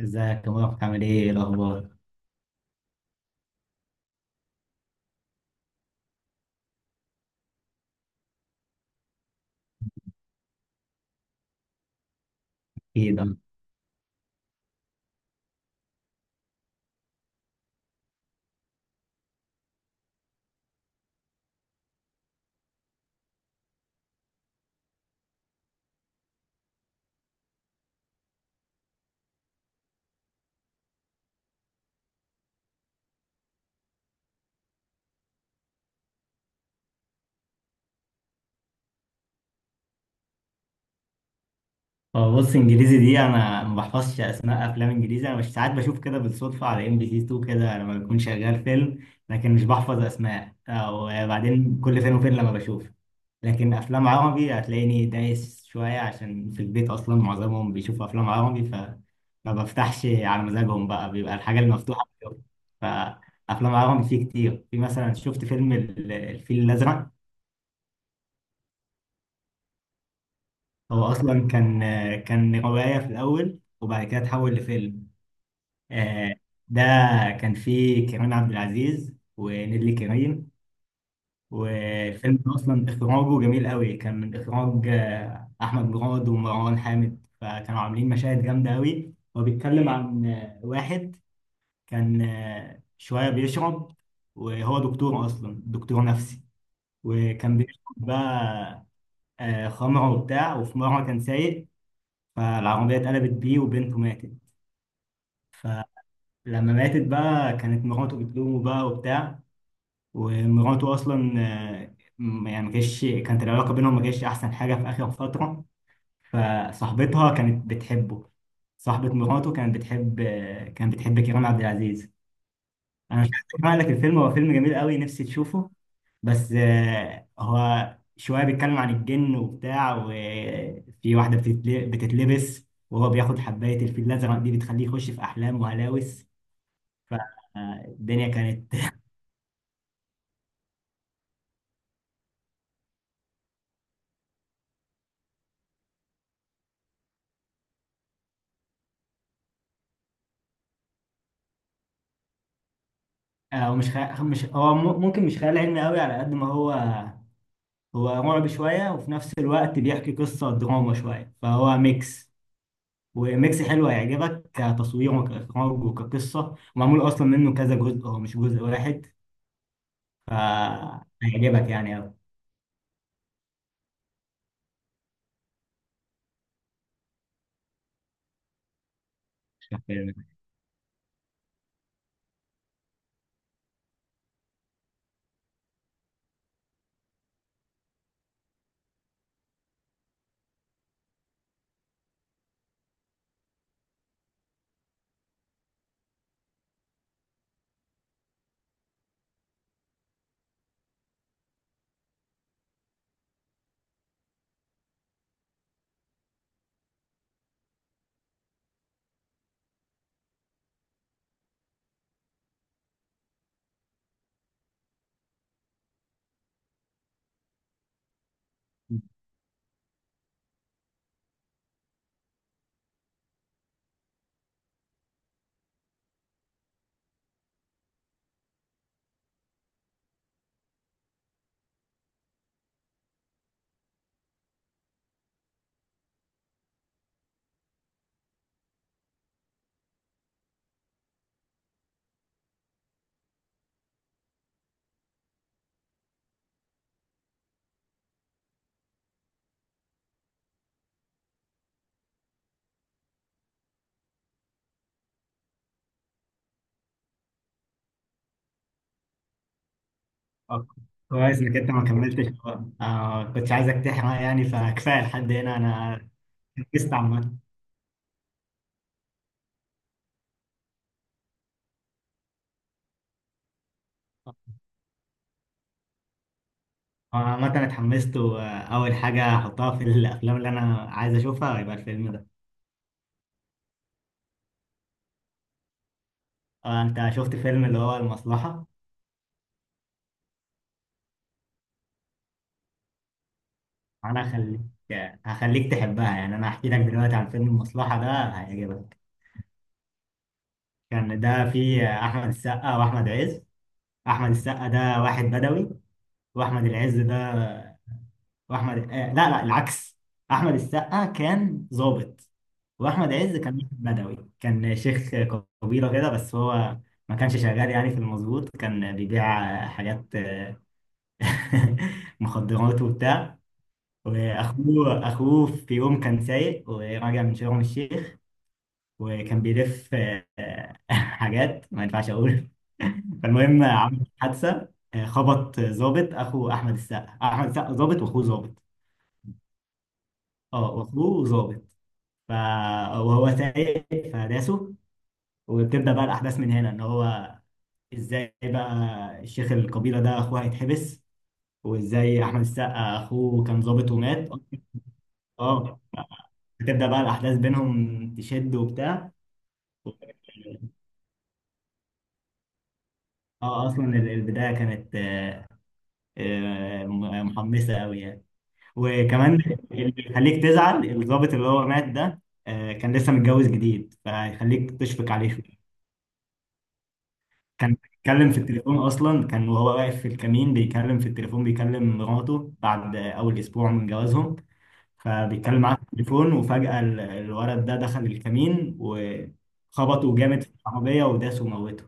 ازيك يا مروة؟ عامل ايه؟ إيه الاخبار؟ اكيد اه. بص انجليزي دي انا ما بحفظش اسماء افلام انجليزي. انا مش ساعات بشوف كده بالصدفه على ام بي سي 2، كده لما بكون شغال فيلم لكن مش بحفظ اسماء. وبعدين كل فين وفين لما بشوف. لكن افلام عربي هتلاقيني دايس شويه، عشان في البيت اصلا معظمهم بيشوفوا افلام عربي، فما بفتحش على مزاجهم بقى، بيبقى الحاجه المفتوحه. فافلام عربي فيه كتير. في مثلا شفت فيلم الفيل الازرق. هو اصلا كان روايه في الاول، وبعد كده اتحول لفيلم. آه، ده كان فيه كريم عبد العزيز ونيللي كريم. والفيلم ده اصلا اخراجه جميل قوي، كان من اخراج احمد مراد ومروان حامد، فكانوا عاملين مشاهد جامده قوي. هو بيتكلم عن واحد كان شويه بيشرب، وهو دكتور اصلا، دكتور نفسي. وكان بيشرب بقى خمره وبتاع، وفي مره كان سايق، فالعربية اتقلبت بيه وبنته ماتت. فلما ماتت بقى كانت مراته بتلومه بقى وبتاع. ومراته أصلا يعني ما كانش كانت العلاقة بينهم ما كانتش أحسن حاجة في آخر فترة. فصاحبتها كانت بتحبه، صاحبة مراته كانت بتحب كريم عبد العزيز. أنا مش عايز أحرق لك الفيلم، هو فيلم جميل قوي، نفسي تشوفه. بس هو شوية بيتكلم عن الجن وبتاع، وفي واحدة بتتلبس، وهو بياخد حباية الفيل الأزرق دي بتخليه يخش في أحلام وهلاوس. فالدنيا كانت هو مش خيال، مش هو م- ممكن مش خيال علمي قوي على قد ما هو رعب شوية، وفي نفس الوقت بيحكي قصة دراما شوية. فهو ميكس، وميكس حلو هيعجبك كتصوير وكإخراج وكقصة، ومعمول أصلا منه كذا جزء، هو مش جزء واحد. فهيعجبك يعني. أوي. آه، كويس انك انت ما كملتش. كنت عايزك تحرق يعني، فكفايه لحد هنا، انا اتحمست عامه. عامة أنا اتحمست، وأول حاجة هحطها في الأفلام اللي أنا عايز أشوفها هيبقى الفيلم ده. أنت شفت فيلم اللي هو المصلحة؟ أنا هخليك تحبها، يعني أنا هحكي لك دلوقتي عن فيلم المصلحة ده هيعجبك. كان ده فيه أحمد السقا وأحمد عز. أحمد السقا ده واحد بدوي، وأحمد العز ده واحمد آه لا لا، العكس. احمد السقا كان ظابط، واحمد عز كان واحد بدوي، كان شيخ قبيله كده. بس هو ما كانش شغال يعني في المظبوط، كان بيبيع حاجات، مخدرات وبتاع. واخوه في يوم كان سايق وراجع من شرم الشيخ، وكان بيلف حاجات ما ينفعش اقول. فالمهم عمل حادثه، خبط ظابط، اخو احمد السقا. احمد السقا ظابط واخوه ظابط، اه، واخوه ظابط. ف... وهو سايق، فداسه. وبتبدأ بقى الأحداث من هنا، إن هو إزاي بقى الشيخ القبيلة ده أخوه هيتحبس، وإزاي أحمد السقا أخوه كان ضابط ومات. أه، بتبدأ بقى الأحداث بينهم تشد وبتاع. أه أصلا البداية كانت محمسة أوي يعني. وكمان اللي بيخليك تزعل، الضابط اللي هو مات ده كان لسه متجوز جديد، فهيخليك تشفق عليه. كان بيتكلم في التليفون اصلا، كان وهو واقف في الكمين بيتكلم في التليفون، بيكلم مراته بعد اول اسبوع من جوازهم. فبيتكلم معاه في التليفون، وفجأة الولد ده دخل الكمين وخبطه جامد في العربية وداسه وموته.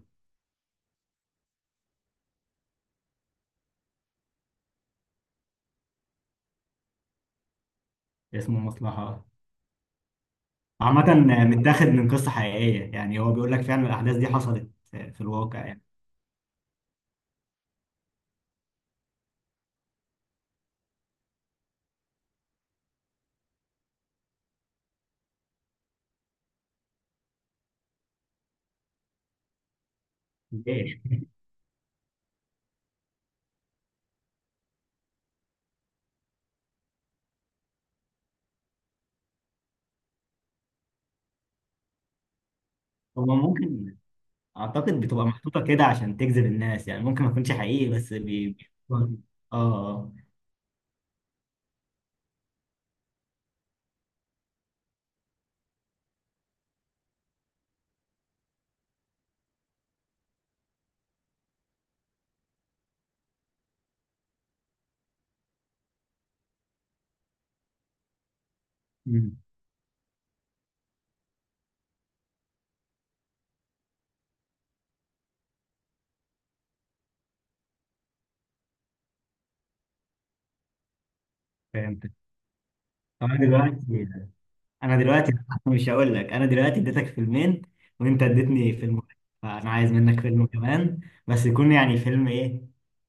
اسمه مصلحة. عامة، متاخد من قصة حقيقية يعني، هو بيقول لك فعلا الأحداث دي حصلت في الواقع يعني. ليه؟ هو ممكن، أعتقد بتبقى محطوطة كده عشان تجذب الناس، يعني ممكن ما يكونش حقيقي، بس. اه، اه. مم. فهمت. انا دلوقتي انا دلوقتي مش هقول لك. انا دلوقتي اديتك فيلمين وانت اديتني فيلم واحد، فانا عايز منك فيلم كمان. بس يكون يعني فيلم ايه.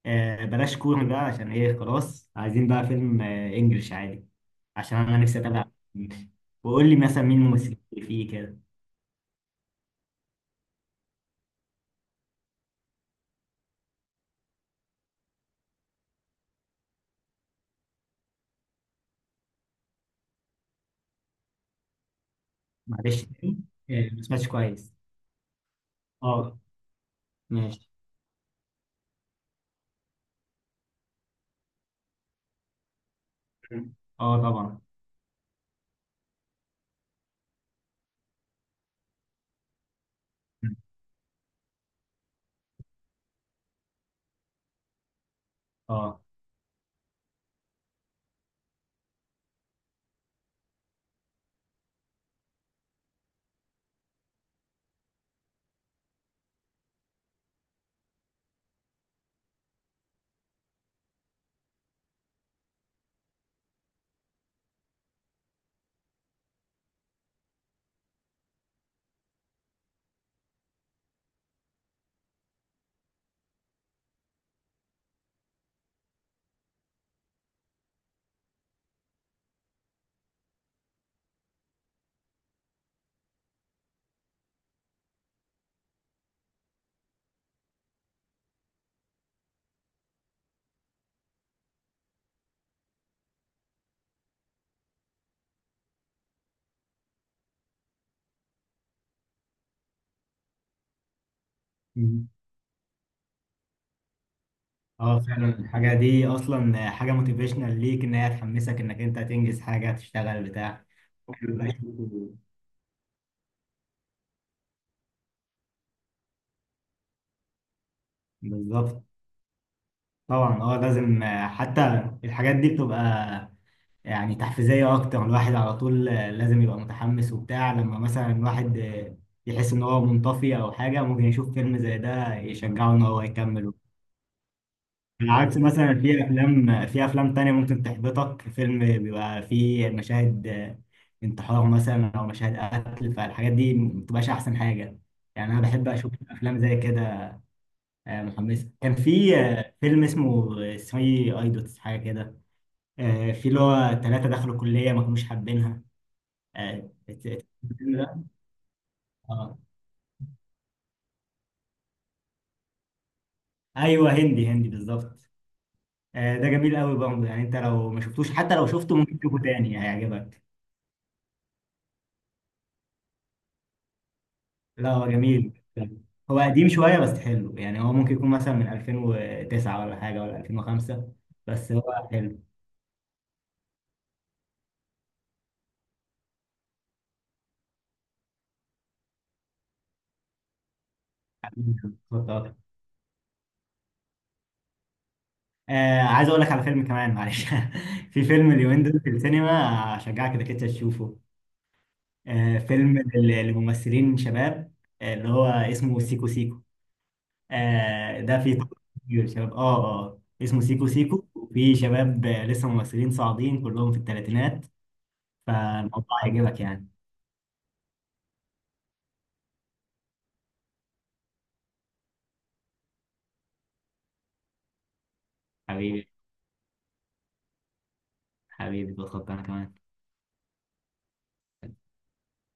بلاش كوري بقى، عشان ايه خلاص عايزين بقى فيلم انجلش عادي، عشان انا نفسي اتابع إنجلش. وقول لي مثلا مين الممثلين اللي فيه كده. معلش، تاني، ما سمعتش كويس. اه، ماشي. اه، طبعا. اه، اه، فعلا الحاجة دي أصلا حاجة موتيفيشنال ليك، إن هي تحمسك إنك أنت تنجز حاجة، تشتغل بتاع بالظبط. طبعا اه، لازم. حتى الحاجات دي بتبقى يعني تحفيزية أكتر. الواحد على طول لازم يبقى متحمس وبتاع، لما مثلا الواحد يحس إن هو منطفي أو حاجة، ممكن يشوف فيلم زي ده يشجعه إن هو يكمل. على عكس مثلا، في افلام تانية ممكن تحبطك. فيلم بيبقى فيه مشاهد انتحار مثلا، او مشاهد قتل، فالحاجات دي ما بتبقاش احسن حاجة، يعني انا بحب اشوف افلام زي كده، محمسة. كان في فيلم اسمه 3 ايدوتس حاجة كده. في اللي هو ثلاثة دخلوا كلية ما كانوش حابينها. الفيلم ده. اه، ايوه، هندي هندي بالظبط. ده جميل قوي برضه، يعني انت لو ما شفتوش، حتى لو شفته ممكن تشوفه تاني هيعجبك. لا، هو جميل. هو قديم شوية بس حلو، يعني هو ممكن يكون مثلا من 2009 ولا حاجة، ولا 2005. بس هو حلو. عايز أقول لك على فيلم كمان، معلش. في فيلم اليومين دول في السينما، أشجعك إنك أنت تشوفه. فيلم لممثلين شباب، اللي هو اسمه سيكو سيكو. ده فيه طبعاً كتير شباب. اسمه سيكو سيكو، وفيه شباب لسه ممثلين صاعدين كلهم في الثلاثينات. فالموضوع هيعجبك يعني. حبيبي، حبيبي، بتخطى انا كمان.